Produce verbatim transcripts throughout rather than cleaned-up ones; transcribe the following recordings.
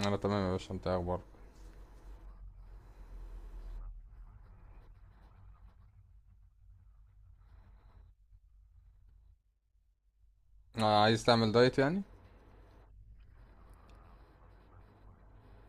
انا تمام يا باشا، انت إيه اخبارك؟ آه، عايز تعمل دايت يعني.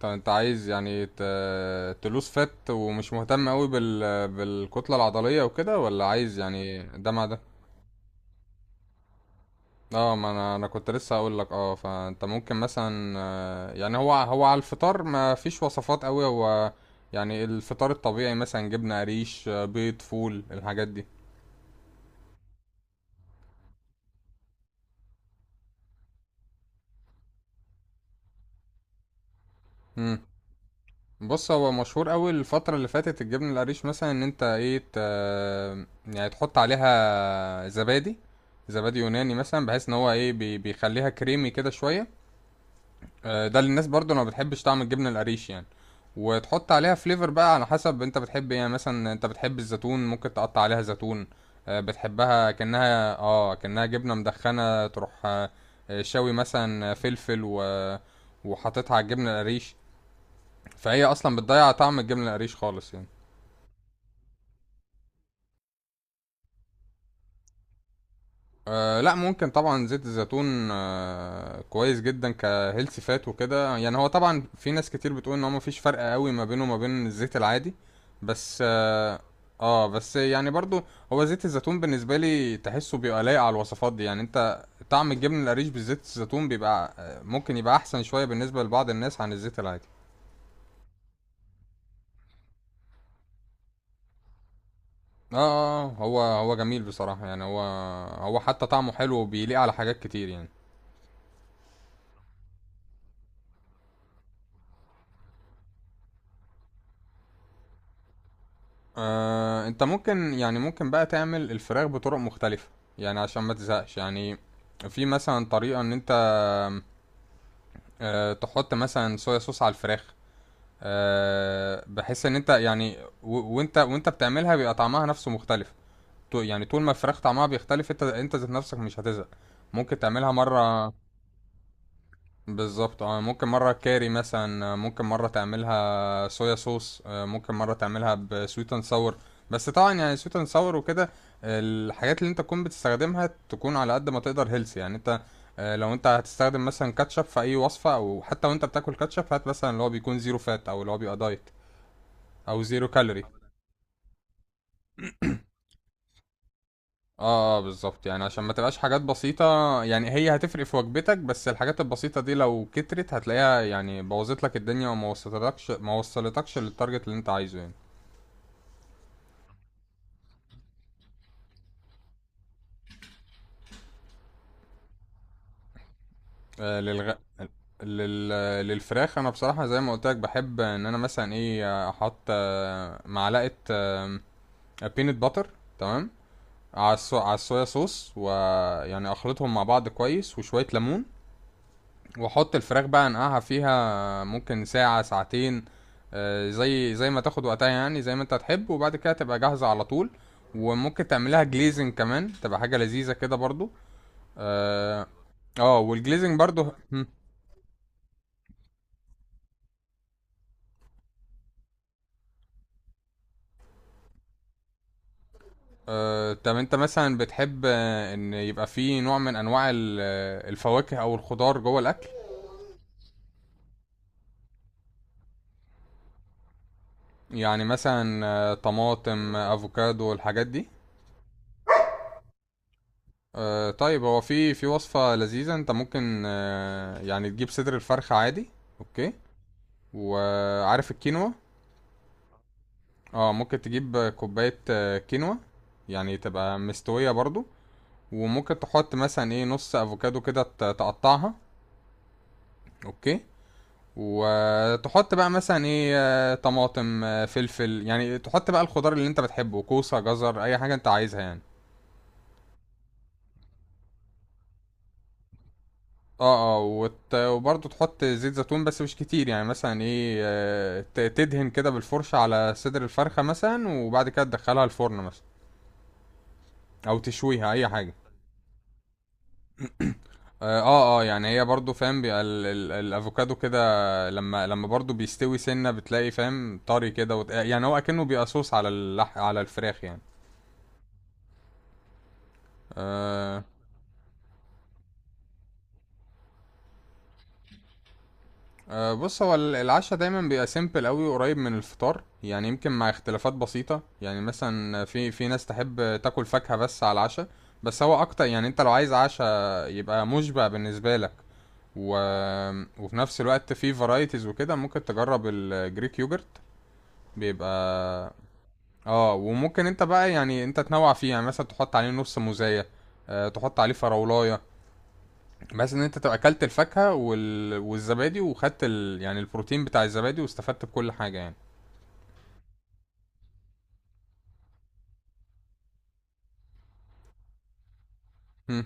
طب انت عايز يعني ت- تلوس فات ومش مهتم قوي بال... بالكتلة العضلية وكده، ولا عايز يعني ده مع ده؟ اه، ما انا انا كنت لسه هقول لك اه فانت ممكن مثلا، آه، يعني هو هو على الفطار ما فيش وصفات قوي. هو يعني الفطار الطبيعي مثلا جبنة قريش، آه، بيض، فول، الحاجات دي. مم. بص، هو مشهور قوي الفترة اللي فاتت الجبنة القريش مثلا، ان انت ايه ت... يعني تحط عليها زبادي، زبادي يوناني مثلا، بحيث ان هو ايه بي... بيخليها كريمي كده شوية. آه، ده للناس برضو اللي ما بتحبش طعم الجبنة القريش يعني. وتحط عليها فليفر بقى على حسب انت بتحب ايه، يعني مثلا انت بتحب الزيتون ممكن تقطع عليها زيتون، آه، بتحبها كأنها اه كأنها جبنة مدخنة، تروح آه، شوي مثلا فلفل و... وحاططها على الجبنة القريش، فهي اصلا بتضيع طعم الجبنه القريش خالص يعني. أه لا، ممكن طبعا زيت الزيتون، أه كويس جدا كهيلثي فات وكده. يعني هو طبعا في ناس كتير بتقول ان هو مفيش فرق قوي ما بينه وما بين الزيت العادي، بس اه آه، بس يعني برضو هو زيت الزيتون بالنسبه لي تحسه بيبقى لايق على الوصفات دي، يعني انت طعم الجبن القريش بالزيت الزيتون بيبقى، آه، ممكن يبقى احسن شويه بالنسبه لبعض الناس عن الزيت العادي. اه، آه، آه، هو هو جميل بصراحه يعني. هو هو حتى طعمه حلو وبيليق على حاجات كتير يعني. آه، انت ممكن يعني ممكن بقى تعمل الفراخ بطرق مختلفة يعني، عشان ما تزهقش يعني. في مثلا طريقة، ان انت آه، تحط مثلا صويا صوص على الفراخ، آه، بحيث ان انت يعني و- وانت وانت بتعملها بيبقى طعمها نفسه مختلف. تو- يعني طول ما الفراخ طعمها بيختلف، انت انت ذات نفسك مش هتزهق. ممكن تعملها مرة، بالظبط، اه ممكن مرة كاري مثلا، آه، ممكن مرة تعملها صويا صوص، آه، ممكن مرة تعملها بسويت اند ساور. بس طبعا يعني سويت اند ساور وكده، الحاجات اللي انت تكون بتستخدمها تكون على قد ما تقدر هيلثي يعني. انت آه، لو انت هتستخدم مثلا كاتشب في اي وصفة، او حتى وانت بتاكل كاتشب، هات مثلا اللي هو بيكون زيرو فات، او اللي هو بيبقى دايت، او زيرو كالوري. اه اه بالظبط، يعني عشان ما تبقاش حاجات بسيطة يعني، هي هتفرق في وجبتك، بس الحاجات البسيطة دي لو كترت هتلاقيها يعني بوظت لك الدنيا، وما وصلتكش ما وصلتكش للتارجت اللي انت عايزه يعني. آه للغ... لل... للفراخ، انا بصراحة زي ما قلت لك، بحب ان انا مثلا ايه احط، آه، معلقة بينت باتر، تمام، على الصو... على الصويا صوص، ويعني اخلطهم مع بعض كويس، وشوية ليمون، واحط الفراخ بقى، انقعها فيها، ممكن ساعة ساعتين، آه، زي زي ما تاخد وقتها، يعني زي ما انت هتحب، وبعد كده تبقى جاهزة على طول. وممكن تعملها جليزنج كمان، تبقى حاجة لذيذة كده برضو. اه آه، والجليزنج برضو. هم. آه، طب انت مثلا بتحب آه، ان يبقى فيه نوع من انواع ال- آه، الفواكه او الخضار جوه الاكل؟ يعني مثلا، آه، طماطم، آه، افوكادو، الحاجات دي. آه طيب، هو في في وصفة لذيذة، انت ممكن آه يعني تجيب صدر الفرخة عادي. اوكي، وعارف الكينوا. اه، ممكن تجيب كوباية آه، كينوا، يعني تبقى مستوية برضو. وممكن تحط مثلا ايه نص افوكادو كده ت- تقطعها. اوكي، وتحط بقى مثلا ايه، آه، طماطم، آه، فلفل، يعني تحط بقى الخضار اللي انت بتحبه، كوسة، جزر، اي حاجة انت عايزها يعني. اه، اه، وت... وبرضه تحط زيت زيتون بس مش كتير، يعني مثلا ايه آه، ت- تدهن كده بالفرشة على صدر الفرخة مثلا، وبعد كده تدخلها الفرن مثلا، او تشويها، اي حاجة. اه، اه آه، يعني هي برضه فاهم، بيبقى ال... ال... الافوكادو كده، لما لما برضه بيستوي سنة بتلاقي فاهم طري كده، وت... يعني هو اكنه بيبقى صوص على اللح... على الفراخ يعني. آه أه بص، هو ال- العشاء دايما بيبقى سيمبل قوي، قريب من الفطار يعني، يمكن مع اختلافات بسيطة. يعني مثلا في في ناس تحب تاكل فاكهة بس على العشاء، بس هو اكتر يعني انت لو عايز عشاء يبقى مشبع بالنسبة لك، و... وفي نفس الوقت في فرايتيز وكده، ممكن تجرب الجريك يوجرت. بيبقى، اه، وممكن انت بقى يعني انت تنوع فيه، يعني مثلا تحط عليه نص موزاية، آه، تحط عليه فراولاية، بس ان انت تبقى اكلت الفاكهة وال... والزبادي، وخدت ال... يعني البروتين بتاع الزبادي، واستفدت بكل حاجة يعني. مم.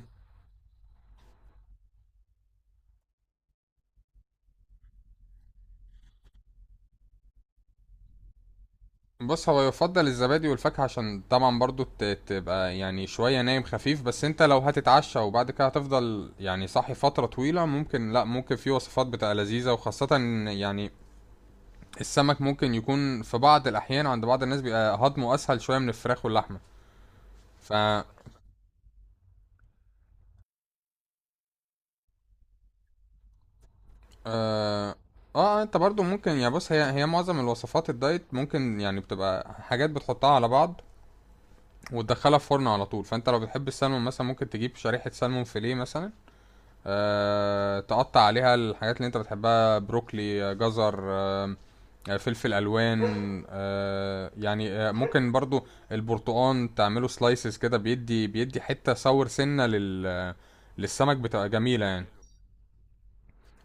بص، هو يفضل الزبادي والفاكهة عشان طبعا برضو ت- تبقى يعني شوية نايم خفيف. بس انت لو هتتعشى وبعد كده هتفضل يعني صاحي فترة طويلة، ممكن لا ممكن في وصفات بتبقى لذيذة، وخاصة إن يعني السمك ممكن يكون في بعض الأحيان عند بعض الناس بيبقى هضمه أسهل شوية من الفراخ واللحمة. ف، اه اه انت برضو ممكن يعني، بص، هي هي معظم الوصفات الدايت ممكن يعني بتبقى حاجات بتحطها على بعض وتدخلها في فرن على طول. فانت لو بتحب السلمون مثلا، ممكن تجيب شريحة سلمون فيليه مثلا، آه تقطع عليها الحاجات اللي انت بتحبها، بروكلي، آه، جزر، آه فلفل الوان، آه يعني، آه ممكن برضو البرتقان تعمله سلايسز كده، بيدي بيدي، حتة صور سنة لل للسمك بتبقى جميلة يعني.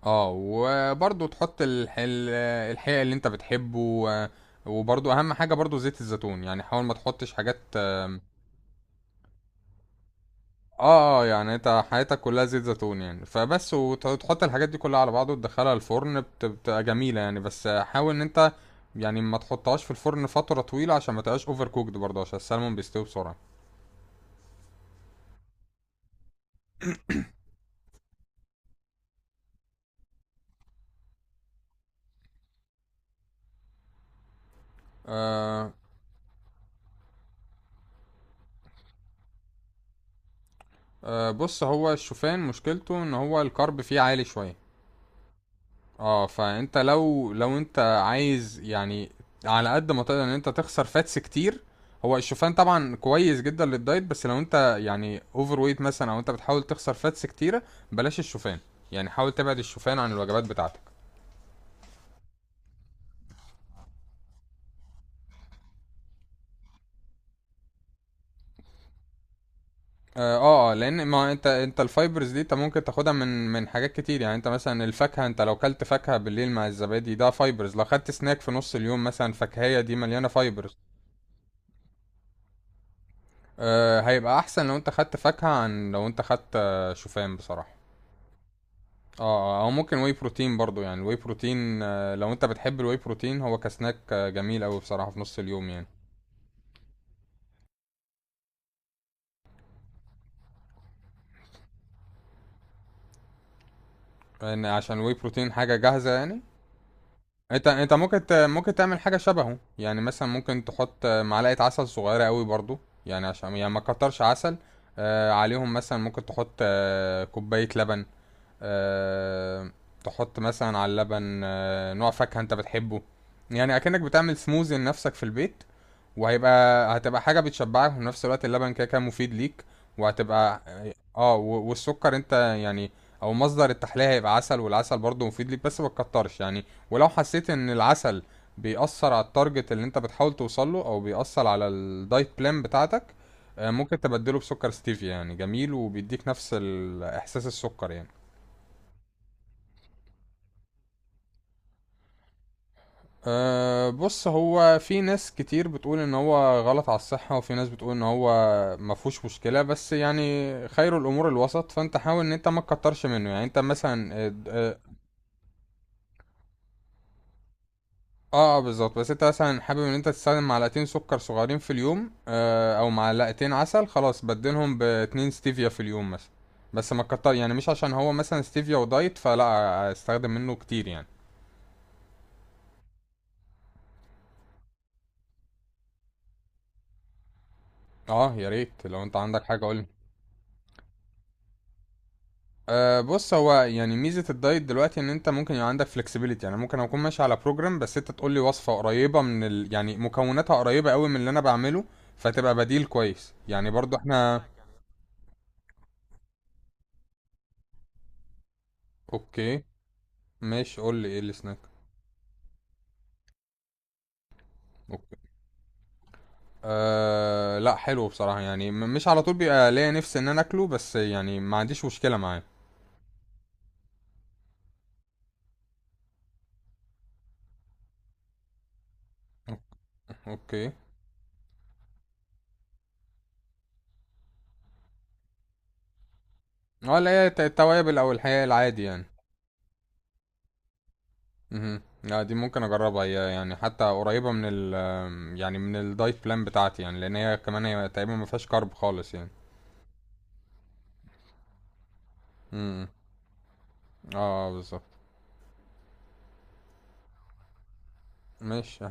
اه، وبرضو تحط الح... ال- الحقيقة اللي انت بتحبه، و- وبرضو اهم حاجة برضو زيت الزيتون، يعني حاول ما تحطش حاجات اه آه، يعني انت حياتك كلها زيت زيتون يعني، فبس، وت- وتحط الحاجات دي كلها على بعض وتدخلها الفرن، بت- بتبقى جميلة يعني. بس حاول ان انت يعني ما تحطهاش في الفرن فترة طويلة عشان ما تبقاش اوفر كوكد، برضه عشان السلمون بيستوي بسرعة. آه آه بص، هو الشوفان مشكلته ان هو الكارب فيه عالي شوية، اه. فانت لو لو انت عايز يعني على قد ما تقدر ان انت تخسر فاتس كتير، هو الشوفان طبعا كويس جدا للدايت، بس لو انت يعني اوفر ويت مثلا، او انت بتحاول تخسر فاتس كتيره، بلاش الشوفان، يعني حاول تبعد الشوفان عن الوجبات بتاعتك. اه اه آه، لان ما انت انت الفايبرز دي انت ممكن تاخدها من من حاجات كتير. يعني انت مثلا الفاكهه، انت لو كلت فاكهه بالليل مع الزبادي ده فايبرز، لو خدت سناك في نص اليوم مثلا فاكهيه، دي مليانه فايبرز. أه هيبقى احسن لو انت خدت فاكهة عن لو انت خدت آه، شوفان بصراحة. اه آه، او ممكن واي بروتين برضو، يعني الواي بروتين، آه، لو انت بتحب الواي بروتين هو كسناك، آه، جميل اوي بصراحة في نص اليوم يعني، لان عشان الواي بروتين حاجة جاهزة يعني. انت انت ممكن ت- ممكن تعمل حاجة شبهه يعني. مثلا ممكن تحط، آه، معلقة عسل صغيرة اوي برضو، يعني عشان يعني ما كترش عسل آه، عليهم. مثلا ممكن تحط آه، كوباية لبن، آه، تحط مثلا على اللبن آه، نوع فاكهة انت بتحبه، يعني اكنك بتعمل سموزي لنفسك في البيت. وهيبقى هتبقى حاجة بتشبعك، وفي نفس الوقت اللبن كده كده مفيد ليك، وهتبقى اه آه، و- والسكر انت يعني، او مصدر التحلية هيبقى عسل، والعسل برضه مفيد ليك بس ما تكترش يعني. ولو حسيت ان العسل بيأثر على التارجت اللي انت بتحاول توصله، او بيأثر على الدايت بلان بتاعتك، آه، ممكن تبدله بسكر ستيفيا يعني، جميل وبيديك نفس ال- احساس السكر يعني. أه بص، هو في ناس كتير بتقول ان هو غلط على الصحة، وفي ناس بتقول ان هو ما فيهوش مشكلة، بس يعني خير الامور الوسط، فانت حاول ان انت ما تكترش منه يعني. انت مثلا، اه اه آه، بالظبط، بس انت مثلا حابب ان انت تستخدم معلقتين سكر صغيرين في اليوم، أه او معلقتين عسل، خلاص بدلهم باتنين ستيفيا في اليوم مثلا، بس ما تكتر يعني، مش عشان هو مثلا ستيفيا ودايت فلا استخدم منه كتير يعني. اه، يا ريت لو انت عندك حاجة قولي. أه بص، هو يعني ميزة الدايت دلوقتي ان انت ممكن يبقى عندك flexibility، يعني ممكن اكون ماشي على بروجرام بس انت تقول لي وصفة قريبة من ال... يعني مكوناتها قريبة قوي من اللي انا بعمله، فتبقى بديل كويس يعني برضو احنا. اوكي، ماشي، قول لي ايه السناك. اوكي، أه لا، حلو بصراحة يعني، م- مش على طول بيبقى ليا نفسي ان انا اكله، بس يعني ما عنديش مشكلة معاه. اوكي، اه، لا، هي الت- التوابل او الحقيقة العادي يعني. مهم. لا، دي ممكن اجربها هي، يعني حتى قريبة من ال، يعني من الدايت بلان بتاعتي، يعني لان هي كمان هي تقريبا ما فيهاش كارب خالص يعني. امم، اه، بالظبط. ماشي.